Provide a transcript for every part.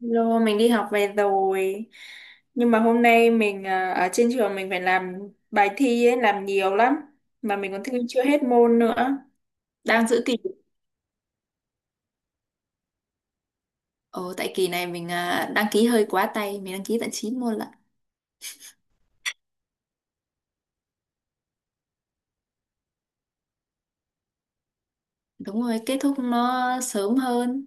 Lô, mình đi học về rồi. Nhưng mà hôm nay ở trên trường mình phải làm bài thi ấy, làm nhiều lắm. Mà mình còn thi chưa hết môn nữa. Đang giữ kỳ. Ồ, tại kỳ này đăng ký hơi quá tay, mình đăng ký tận 9 môn lận. Đúng rồi, kết thúc nó sớm hơn.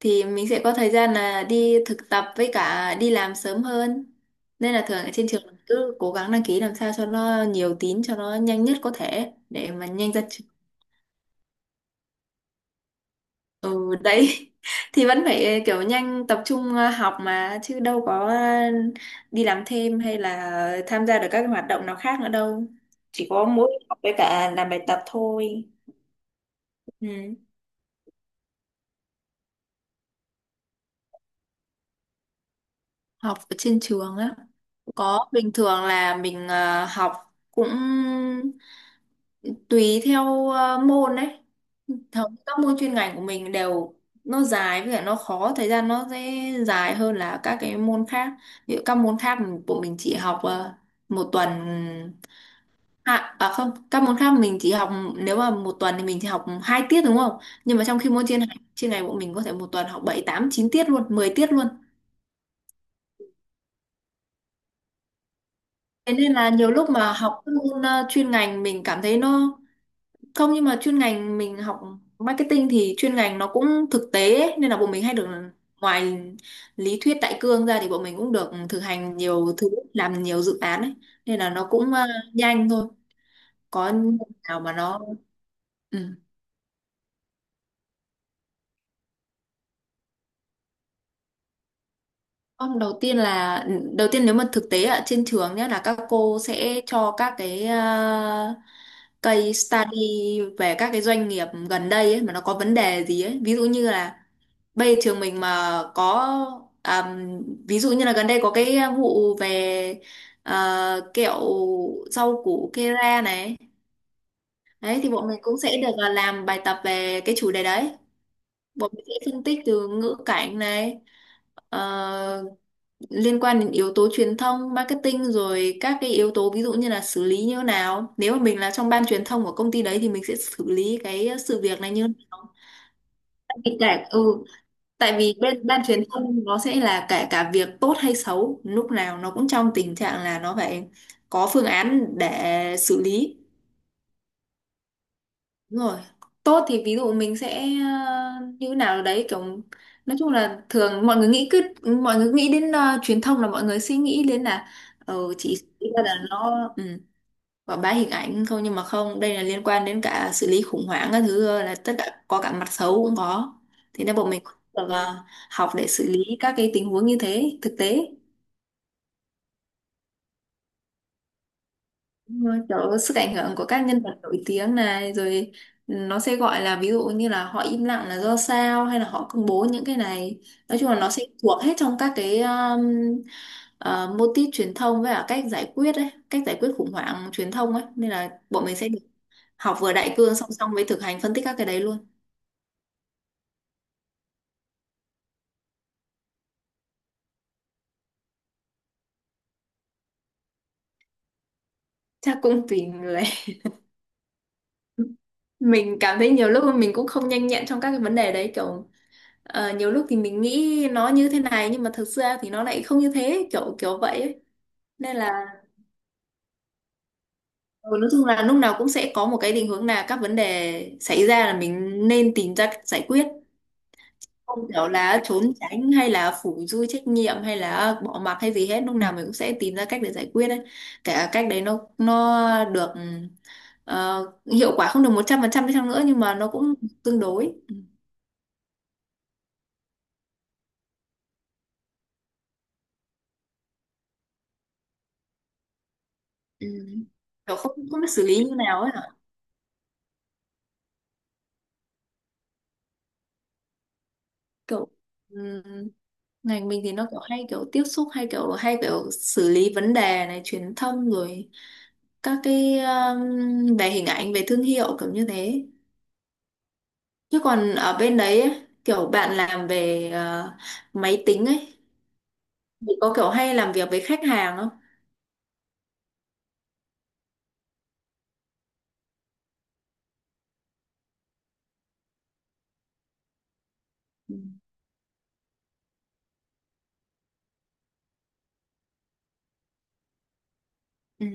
Thì mình sẽ có thời gian là đi thực tập với cả đi làm sớm hơn. Nên là thường ở trên trường cứ cố gắng đăng ký làm sao cho nó nhiều tín, cho nó nhanh nhất có thể để mà nhanh ra. Ừ đấy thì vẫn phải kiểu nhanh tập trung học mà chứ đâu có đi làm thêm hay là tham gia được các hoạt động nào khác nữa đâu, chỉ có mỗi học với cả làm bài tập thôi. Ừ. Học ở trên trường á, có bình thường là mình học cũng tùy theo môn đấy. Thường các môn chuyên ngành của mình đều nó dài với cả nó khó, thời gian nó sẽ dài hơn là các cái môn khác. Ví dụ các môn khác của mình chỉ học một tuần. À không, các môn khác mình chỉ học, nếu mà một tuần thì mình chỉ học hai tiết đúng không, nhưng mà trong khi môn chuyên ngành của mình có thể một tuần học bảy tám chín tiết luôn, 10 tiết luôn. Thế nên là nhiều lúc mà học các môn chuyên ngành mình cảm thấy nó. Không, nhưng mà chuyên ngành mình học marketing thì chuyên ngành nó cũng thực tế ấy, nên là bọn mình hay được, ngoài lý thuyết đại cương ra thì bọn mình cũng được thực hành nhiều thứ, làm nhiều dự án ấy. Nên là nó cũng nhanh thôi. Có nào mà nó ừ. Không, đầu tiên nếu mà thực tế ở trên trường nhé là các cô sẽ cho các cái case study về các cái doanh nghiệp gần đây ấy, mà nó có vấn đề gì ấy, ví dụ như là bây giờ trường mình mà có, à, ví dụ như là gần đây có cái vụ về kẹo rau củ Kera này. Đấy thì bọn mình cũng sẽ được, làm bài tập về cái chủ đề đấy, bọn mình sẽ phân tích từ ngữ cảnh này ờ, liên quan đến yếu tố truyền thông marketing, rồi các cái yếu tố ví dụ như là xử lý như thế nào nếu mà mình là trong ban truyền thông của công ty đấy thì mình sẽ xử lý cái sự việc này như thế nào, kể cả ừ. Tại vì bên ban truyền thông nó sẽ là cả cả việc tốt hay xấu, lúc nào nó cũng trong tình trạng là nó phải có phương án để xử lý. Đúng rồi. Tốt thì ví dụ mình sẽ như thế nào đấy, kiểu nói chung là thường mọi người nghĩ cứ mọi người nghĩ đến truyền thông là mọi người suy nghĩ đến là ờ, chỉ nghĩ ra là nó ừ quảng bá hình ảnh không, nhưng mà không, đây là liên quan đến cả xử lý khủng hoảng các thứ, là tất cả, có cả mặt xấu cũng có. Thì nên bọn mình cũng được học để xử lý các cái tình huống như thế thực tế. Đúng rồi, kiểu sức ảnh hưởng của các nhân vật nổi tiếng này rồi nó sẽ gọi là, ví dụ như là họ im lặng là do sao, hay là họ công bố những cái này. Nói chung là nó sẽ thuộc hết trong các cái mô típ truyền thông với cả cách giải quyết ấy, cách giải quyết khủng hoảng truyền thông ấy, nên là bọn mình sẽ được học vừa đại cương song song với thực hành phân tích các cái đấy luôn. Chắc cũng vì là mình cảm thấy nhiều lúc mình cũng không nhanh nhẹn trong các cái vấn đề đấy, kiểu nhiều lúc thì mình nghĩ nó như thế này nhưng mà thực ra thì nó lại không như thế, kiểu kiểu vậy ấy. Nên là ừ, nói chung là lúc nào cũng sẽ có một cái định hướng là các vấn đề xảy ra là mình nên tìm ra cách giải quyết, không kiểu là trốn tránh hay là phủi dui trách nhiệm hay là bỏ mặc hay gì hết, lúc nào mình cũng sẽ tìm ra cách để giải quyết ấy. Cả cách đấy nó được hiệu quả không được một trăm phần trăm đi chăng nữa nhưng mà nó cũng tương đối. Ừ. Kiểu không, không biết xử lý như nào ấy hả, kiểu ừm, ngành mình thì nó kiểu hay kiểu tiếp xúc hay kiểu xử lý vấn đề này, truyền thông rồi các cái về hình ảnh về thương hiệu kiểu như thế. Chứ còn ở bên đấy ấy, kiểu bạn làm về máy tính ấy thì có kiểu hay làm việc với khách hàng không? Ừ. Ừ.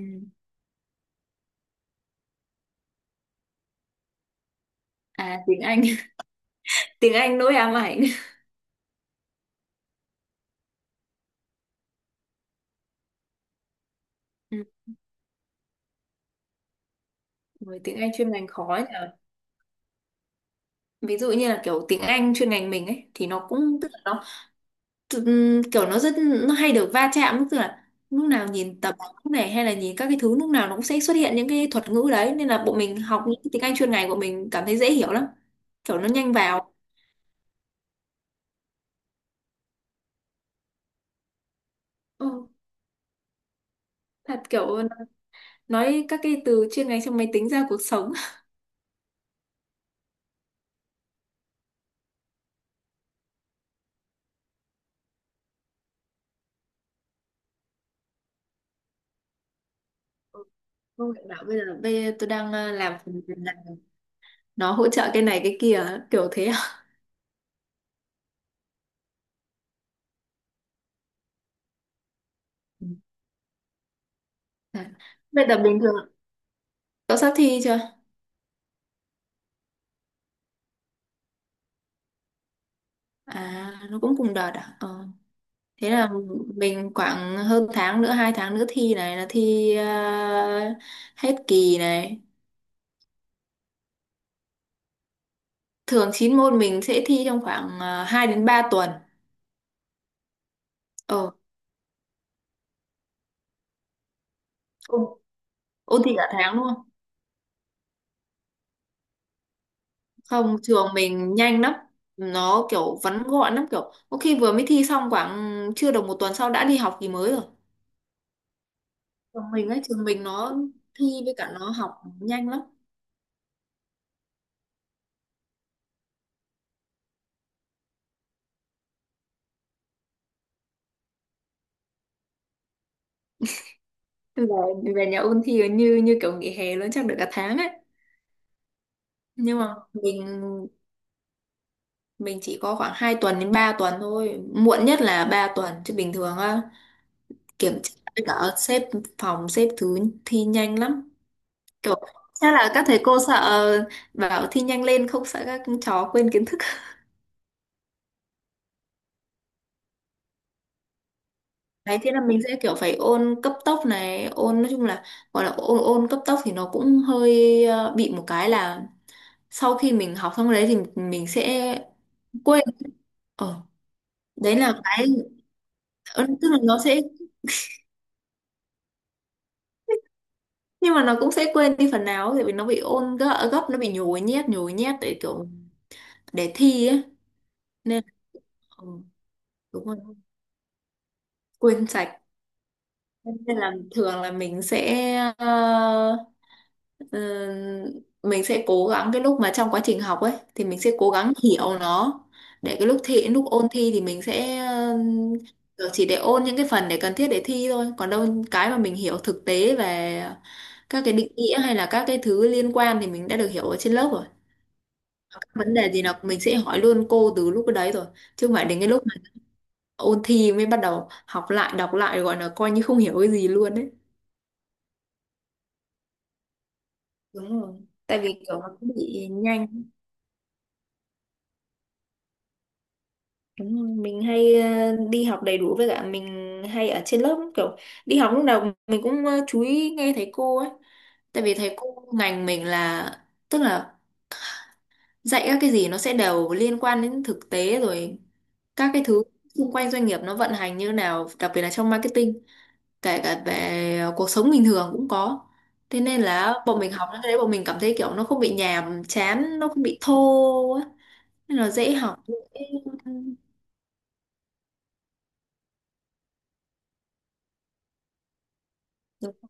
À tiếng Anh. Tiếng Anh nỗi ám ảnh. Ừ. Với tiếng Anh chuyên ngành khó nhỉ. Ví dụ như là kiểu tiếng Anh chuyên ngành mình ấy thì nó cũng tức là nó kiểu nó rất, nó hay được va chạm, tức là lúc nào nhìn tập báo này hay là nhìn các cái thứ lúc nào nó cũng sẽ xuất hiện những cái thuật ngữ đấy, nên là bọn mình học những cái tiếng Anh chuyên ngành của mình cảm thấy dễ hiểu lắm. Kiểu nó nhanh vào. Ừ, thật kiểu nói các cái từ chuyên ngành trong máy tính ra cuộc sống. Không phải bảo bây giờ tôi đang làm phần mềm này, nó hỗ trợ cái này cái kia kiểu thế à? Ừ. À, vậy là bình thường cậu sắp thi chưa? À nó cũng cùng đợt à, ờ. Thế là mình khoảng hơn tháng nữa, hai tháng nữa thi, này là thi hết kỳ này. Thường 9 môn mình sẽ thi trong khoảng 2 đến 3 tuần. Ờ ôn, ôn thi cả tháng luôn. Không, trường mình nhanh lắm, nó kiểu vắn gọn lắm, kiểu có khi vừa mới thi xong khoảng chưa được một tuần sau đã đi học kỳ mới rồi. Trường mình nó thi với cả nó học nhanh lắm. Bây giờ về nhà ôn thi như như kiểu nghỉ hè luôn, chắc được cả tháng ấy. Nhưng mà mình chỉ có khoảng 2 tuần đến 3 tuần thôi, muộn nhất là 3 tuần chứ bình thường á, kiểm tra với cả xếp phòng xếp thứ thi nhanh lắm. Kiểu chắc là các thầy cô sợ bảo thi nhanh lên không sợ các cháu quên kiến thức. Đấy, thế là mình sẽ kiểu phải ôn cấp tốc này, ôn nói chung là gọi là ôn ôn cấp tốc thì nó cũng hơi bị một cái là sau khi mình học xong đấy thì mình sẽ quên. Ờ, đấy là cái ờ, tức là nó sẽ, nhưng mà nó cũng sẽ quên đi phần nào tại vì nó bị ôn gấp nó bị nhồi nhét để kiểu để thi ấy. Nên ừ, đúng rồi, quên sạch. Nên là thường là mình sẽ Ờ, mình sẽ cố gắng cái lúc mà trong quá trình học ấy thì mình sẽ cố gắng hiểu nó, để cái lúc thi, lúc ôn thi thì mình sẽ kiểu chỉ để ôn những cái phần để cần thiết để thi thôi, còn đâu cái mà mình hiểu thực tế về các cái định nghĩa hay là các cái thứ liên quan thì mình đã được hiểu ở trên lớp rồi. Các vấn đề gì là mình sẽ hỏi luôn cô từ lúc đấy rồi, chứ không phải đến cái lúc mà ôn thi mới bắt đầu học lại, đọc lại, gọi là coi như không hiểu cái gì luôn đấy. Đúng rồi, tại vì kiểu nó cũng bị nhanh. Đúng rồi, mình hay đi học đầy đủ với cả mình hay ở trên lớp, kiểu đi học lúc nào mình cũng chú ý nghe thầy cô ấy. Tại vì thầy cô ngành mình là tức là dạy các cái gì nó sẽ đều liên quan đến thực tế rồi, các cái thứ xung quanh doanh nghiệp nó vận hành như thế nào, đặc biệt là trong marketing, kể cả về cuộc sống bình thường cũng có. Thế nên là bọn mình học những cái đấy bọn mình cảm thấy kiểu nó không bị nhàm chán, nó không bị thô á, nên là dễ học dễ. Ừ, ừ.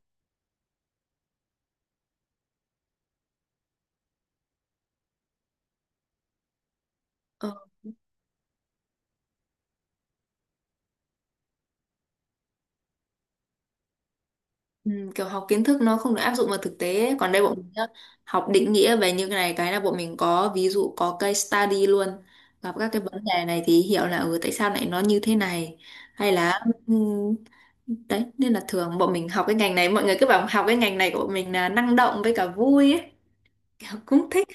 Ừ, kiểu học kiến thức nó không được áp dụng vào thực tế ấy. Còn đây bọn mình nhá, học định nghĩa về những cái này cái là bọn mình có ví dụ, có case study luôn. Gặp các cái vấn đề này thì hiểu là ừ, tại sao lại nó như thế này, hay là ừ, đấy nên là thường bọn mình học cái ngành này, mọi người cứ bảo học cái ngành này của bọn mình là năng động với cả vui ấy, kiểu cũng thích.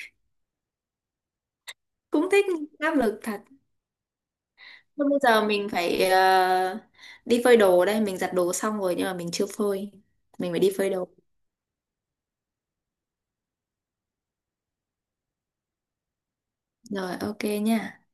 Cũng thích nhưng áp lực thật. Thôi bây giờ mình phải đi phơi đồ đây, mình giặt đồ xong rồi nhưng mà mình chưa phơi, mình phải đi phơi đồ. Rồi ok nha.